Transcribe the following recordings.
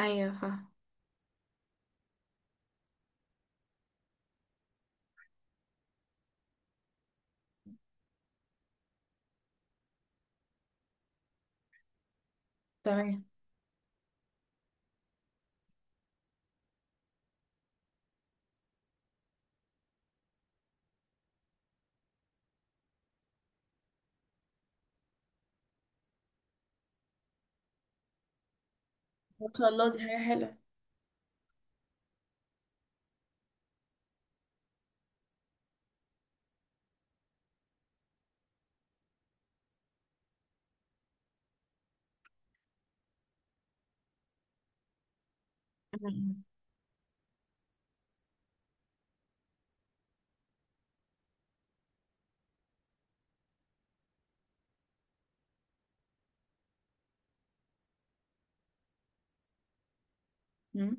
ايوه، فاهم. تمام. ما شاء الله، دي حاجة حلوة. أمم. أمم.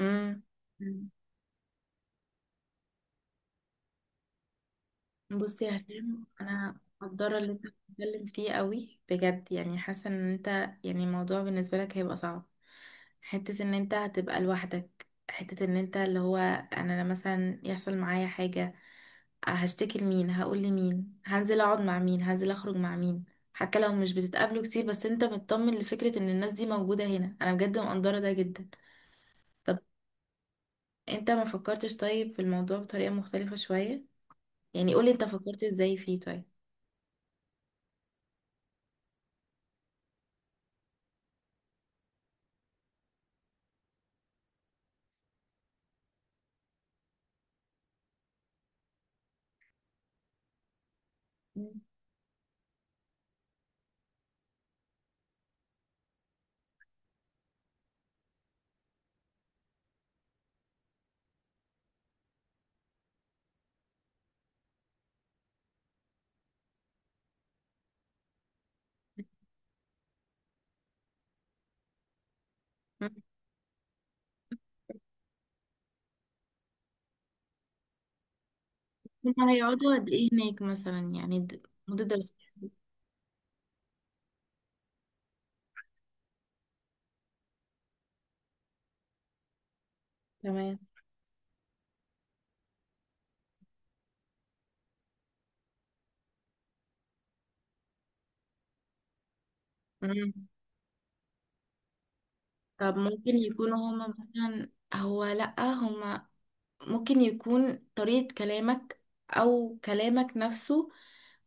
أمم. أمم. بصي يا هشام، انا مقدره اللي انت بتتكلم فيه قوي بجد، يعني حاسه ان انت يعني الموضوع بالنسبه لك هيبقى صعب، حته ان انت هتبقى لوحدك، حته ان انت اللي هو انا لما مثلا يحصل معايا حاجه هشتكي لمين، هقول لمين، هنزل اقعد مع مين، هنزل اخرج مع مين. حتى لو مش بتتقابلوا كتير بس انت مطمن لفكره ان الناس دي موجوده هنا، انا بجد مقدره ده جدا. طب انت ما فكرتش طيب في الموضوع بطريقة مختلفة شوية؟ يعني قولي انت فكرت ازاي فيه طيب؟ مم. مم. هما هيقعدوا قد ايه هناك مثلا؟ يعني مدة دراسة. تمام. مم. طب ممكن يكونوا هما مثلا هو لأ هما، ممكن يكون طريقة كلامك أو كلامك نفسه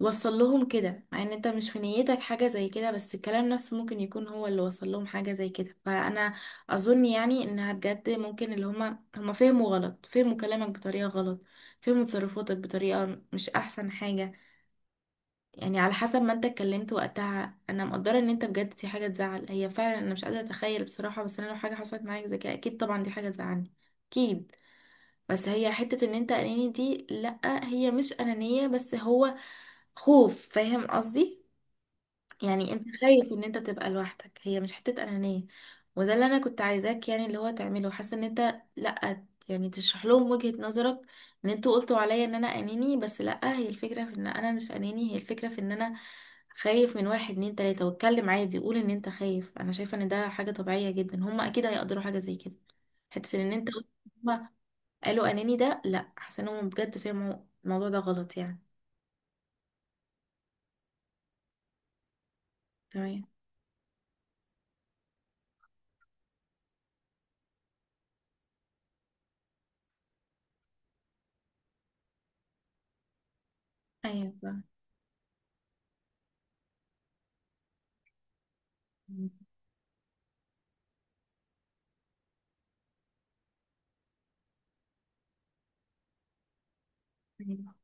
وصل لهم كده مع ان انت مش في نيتك حاجة زي كده، بس الكلام نفسه ممكن يكون هو اللي وصل لهم حاجة زي كده. فأنا أظن يعني إنها بجد ممكن اللي هما فهموا غلط، فهموا كلامك بطريقة غلط، فهموا تصرفاتك بطريقة مش أحسن حاجة. يعني على حسب ما انت اتكلمت وقتها، انا مقدره ان انت بجد دي حاجه تزعل هي فعلا، انا مش قادره اتخيل بصراحه، بس انا لو حاجه حصلت معايا زي كده اكيد طبعا دي حاجه تزعلني اكيد. بس هي حته ان انت اناني دي لا، هي مش انانيه، بس هو خوف، فاهم قصدي؟ يعني انت خايف ان انت تبقى لوحدك، هي مش حتة انانية. وده اللي انا كنت عايزاك يعني اللي هو تعمله، حاسة ان انت لا، يعني تشرح لهم وجهة نظرك ان انتوا قلتوا عليا ان انا اناني، بس لا، هي الفكرة في ان انا مش اناني، هي الفكرة في ان انا خايف. من واحد اتنين تلاتة واتكلم عادي قول ان انت خايف. انا شايفة ان ده حاجة طبيعية جدا، هما اكيد هيقدروا حاجة زي كده. حتة ان انت قلت هما قالوا اناني ده، لا، حاسة ان هما بجد فهموا الموضوع ده غلط يعني. تمام. ايوه، فاهمة.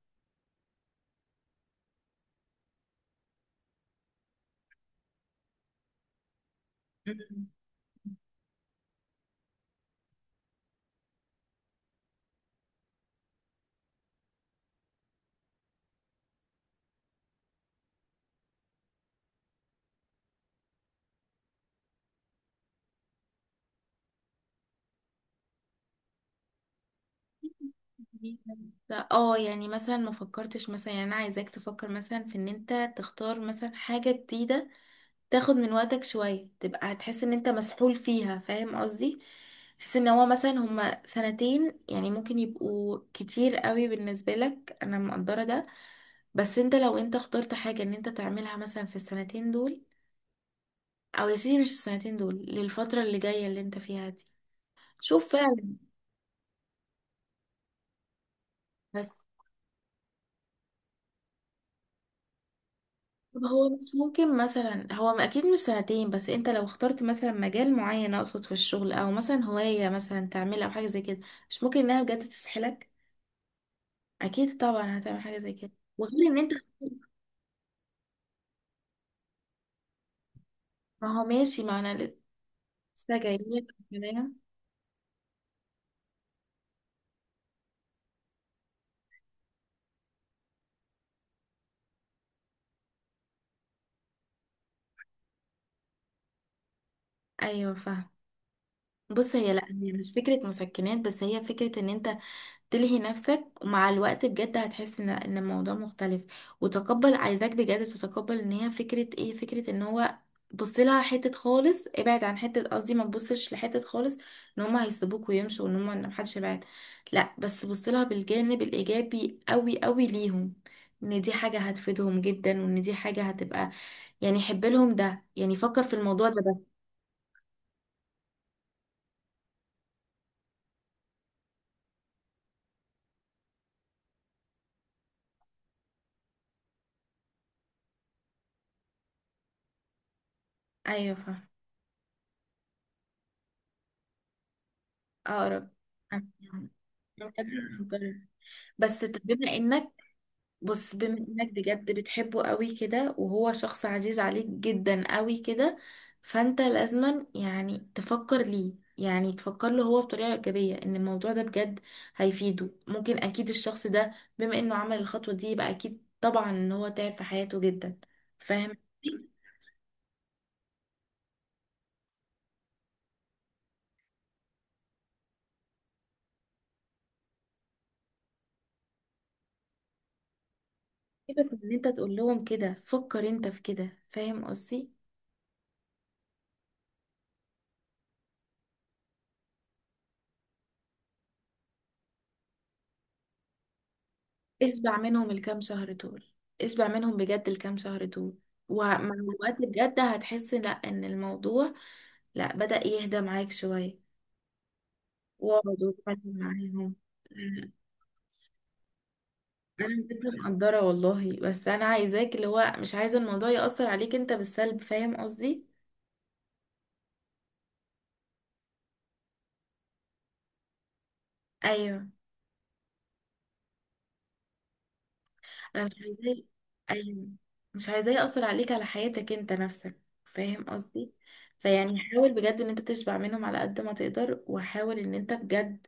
لا اه، يعني مثلا ما فكرتش مثلا، يعني انا عايزاك تفكر مثلا في ان انت تختار مثلا حاجة جديدة، تاخد من وقتك شوية تبقى هتحس ان انت مسحول فيها، فاهم قصدي؟ حس ان هو مثلا هما سنتين يعني ممكن يبقوا كتير قوي بالنسبة لك، انا مقدرة ده. بس انت لو انت اخترت حاجة ان انت تعملها مثلا في السنتين دول، او يا سيدي مش السنتين دول، للفترة اللي جاية اللي انت فيها دي، شوف فعلا. طب هو مش ممكن مثلا، هو اكيد مش سنتين، بس انت لو اخترت مثلا مجال معين، اقصد في الشغل او مثلا هواية مثلا تعملها او حاجة زي كده، مش ممكن انها بجد تسحلك؟ اكيد طبعا هتعمل حاجة زي كده. وغير ان انت، ما هو ماشي، ما انا لسه جايلك كمان. ايوه فاهم. بص، هي لا، هي مش فكرة مسكنات، بس هي فكرة ان انت تلهي نفسك ومع الوقت بجد هتحس ان ان الموضوع مختلف وتقبل. عايزاك بجد تتقبل ان هي فكرة ايه، فكرة ان هو بص لها حتة خالص، ابعد عن حتة، قصدي ما تبصش لحتة خالص ان هما هيسيبوك ويمشوا وان هما ان محدش يبعد. لا بس بص لها بالجانب الايجابي، قوي قوي ليهم ان دي حاجة هتفيدهم جدا، وان دي حاجة هتبقى يعني حب لهم، ده يعني فكر في الموضوع ده بس. ايوه فاهم. اقرب. أنا بحب أفكر. بس طب بما انك، بص بما انك بجد بتحبه قوي كده وهو شخص عزيز عليك جدا قوي كده، فانت لازما يعني تفكر ليه، يعني تفكر له هو بطريقة إيجابية ان الموضوع ده بجد هيفيده. ممكن اكيد الشخص ده بما انه عمل الخطوة دي يبقى اكيد طبعا ان هو تعب في حياته جدا، فاهم؟ سيبك من ان انت تقول لهم كده، فكر انت في كده، فاهم قصدي؟ اشبع منهم الكام شهر دول، اشبع منهم بجد الكام شهر دول. ومع الوقت بجد هتحس لا ان الموضوع، لا بدأ يهدى معاك شوية، واقعد واتكلم معاهم. انا بجد مقدرة والله، بس انا عايزاك اللي هو، مش عايزة الموضوع يأثر عليك انت بالسلب، فاهم قصدي؟ ايوه. انا مش عايزاه. ايوه. مش عايزاه يأثر عليك على حياتك انت نفسك، فاهم قصدي؟ فيعني حاول بجد ان انت تشبع منهم على قد ما تقدر، وحاول ان انت بجد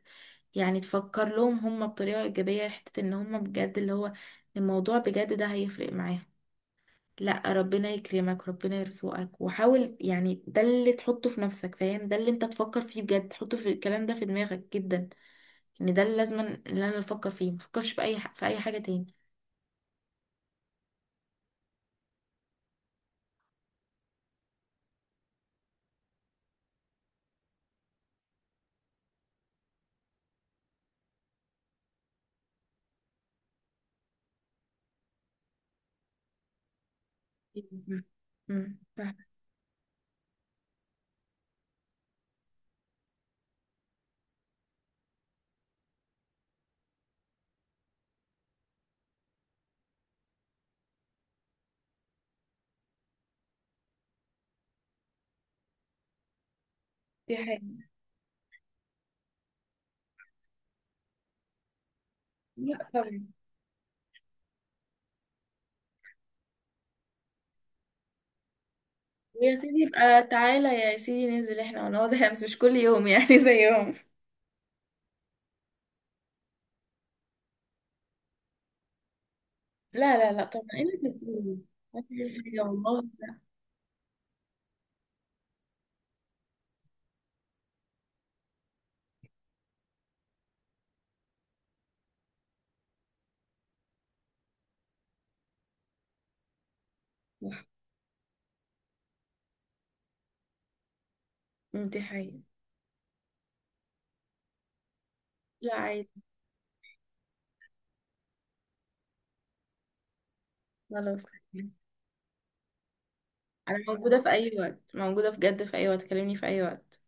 يعني تفكر لهم هم بطريقة ايجابية، حتة ان هم بجد اللي هو الموضوع بجد ده هيفرق معاهم. لا ربنا يكرمك، ربنا يرزقك، وحاول، يعني ده اللي تحطه في نفسك، فاهم؟ ده اللي انت تفكر فيه بجد، تحطه في الكلام ده في دماغك جدا ان ده اللي لازم اللي انا افكر فيه، مفكرش بأي في اي حاجة تاني. مم. مم. دي حاجة. لا طبعا. يا سيدي، يبقى تعالى يا سيدي ننزل احنا ونقعد احنا، بس مش كل يوم يعني زيهم. لا لا لا، طبعا ايه اللي انت بتقوله؟ ما في حاجة والله. لا دي حقيقة. لا عادي. خلاص. انا موجودة في اي وقت، موجودة بجد في اي وقت، كلمني في اي وقت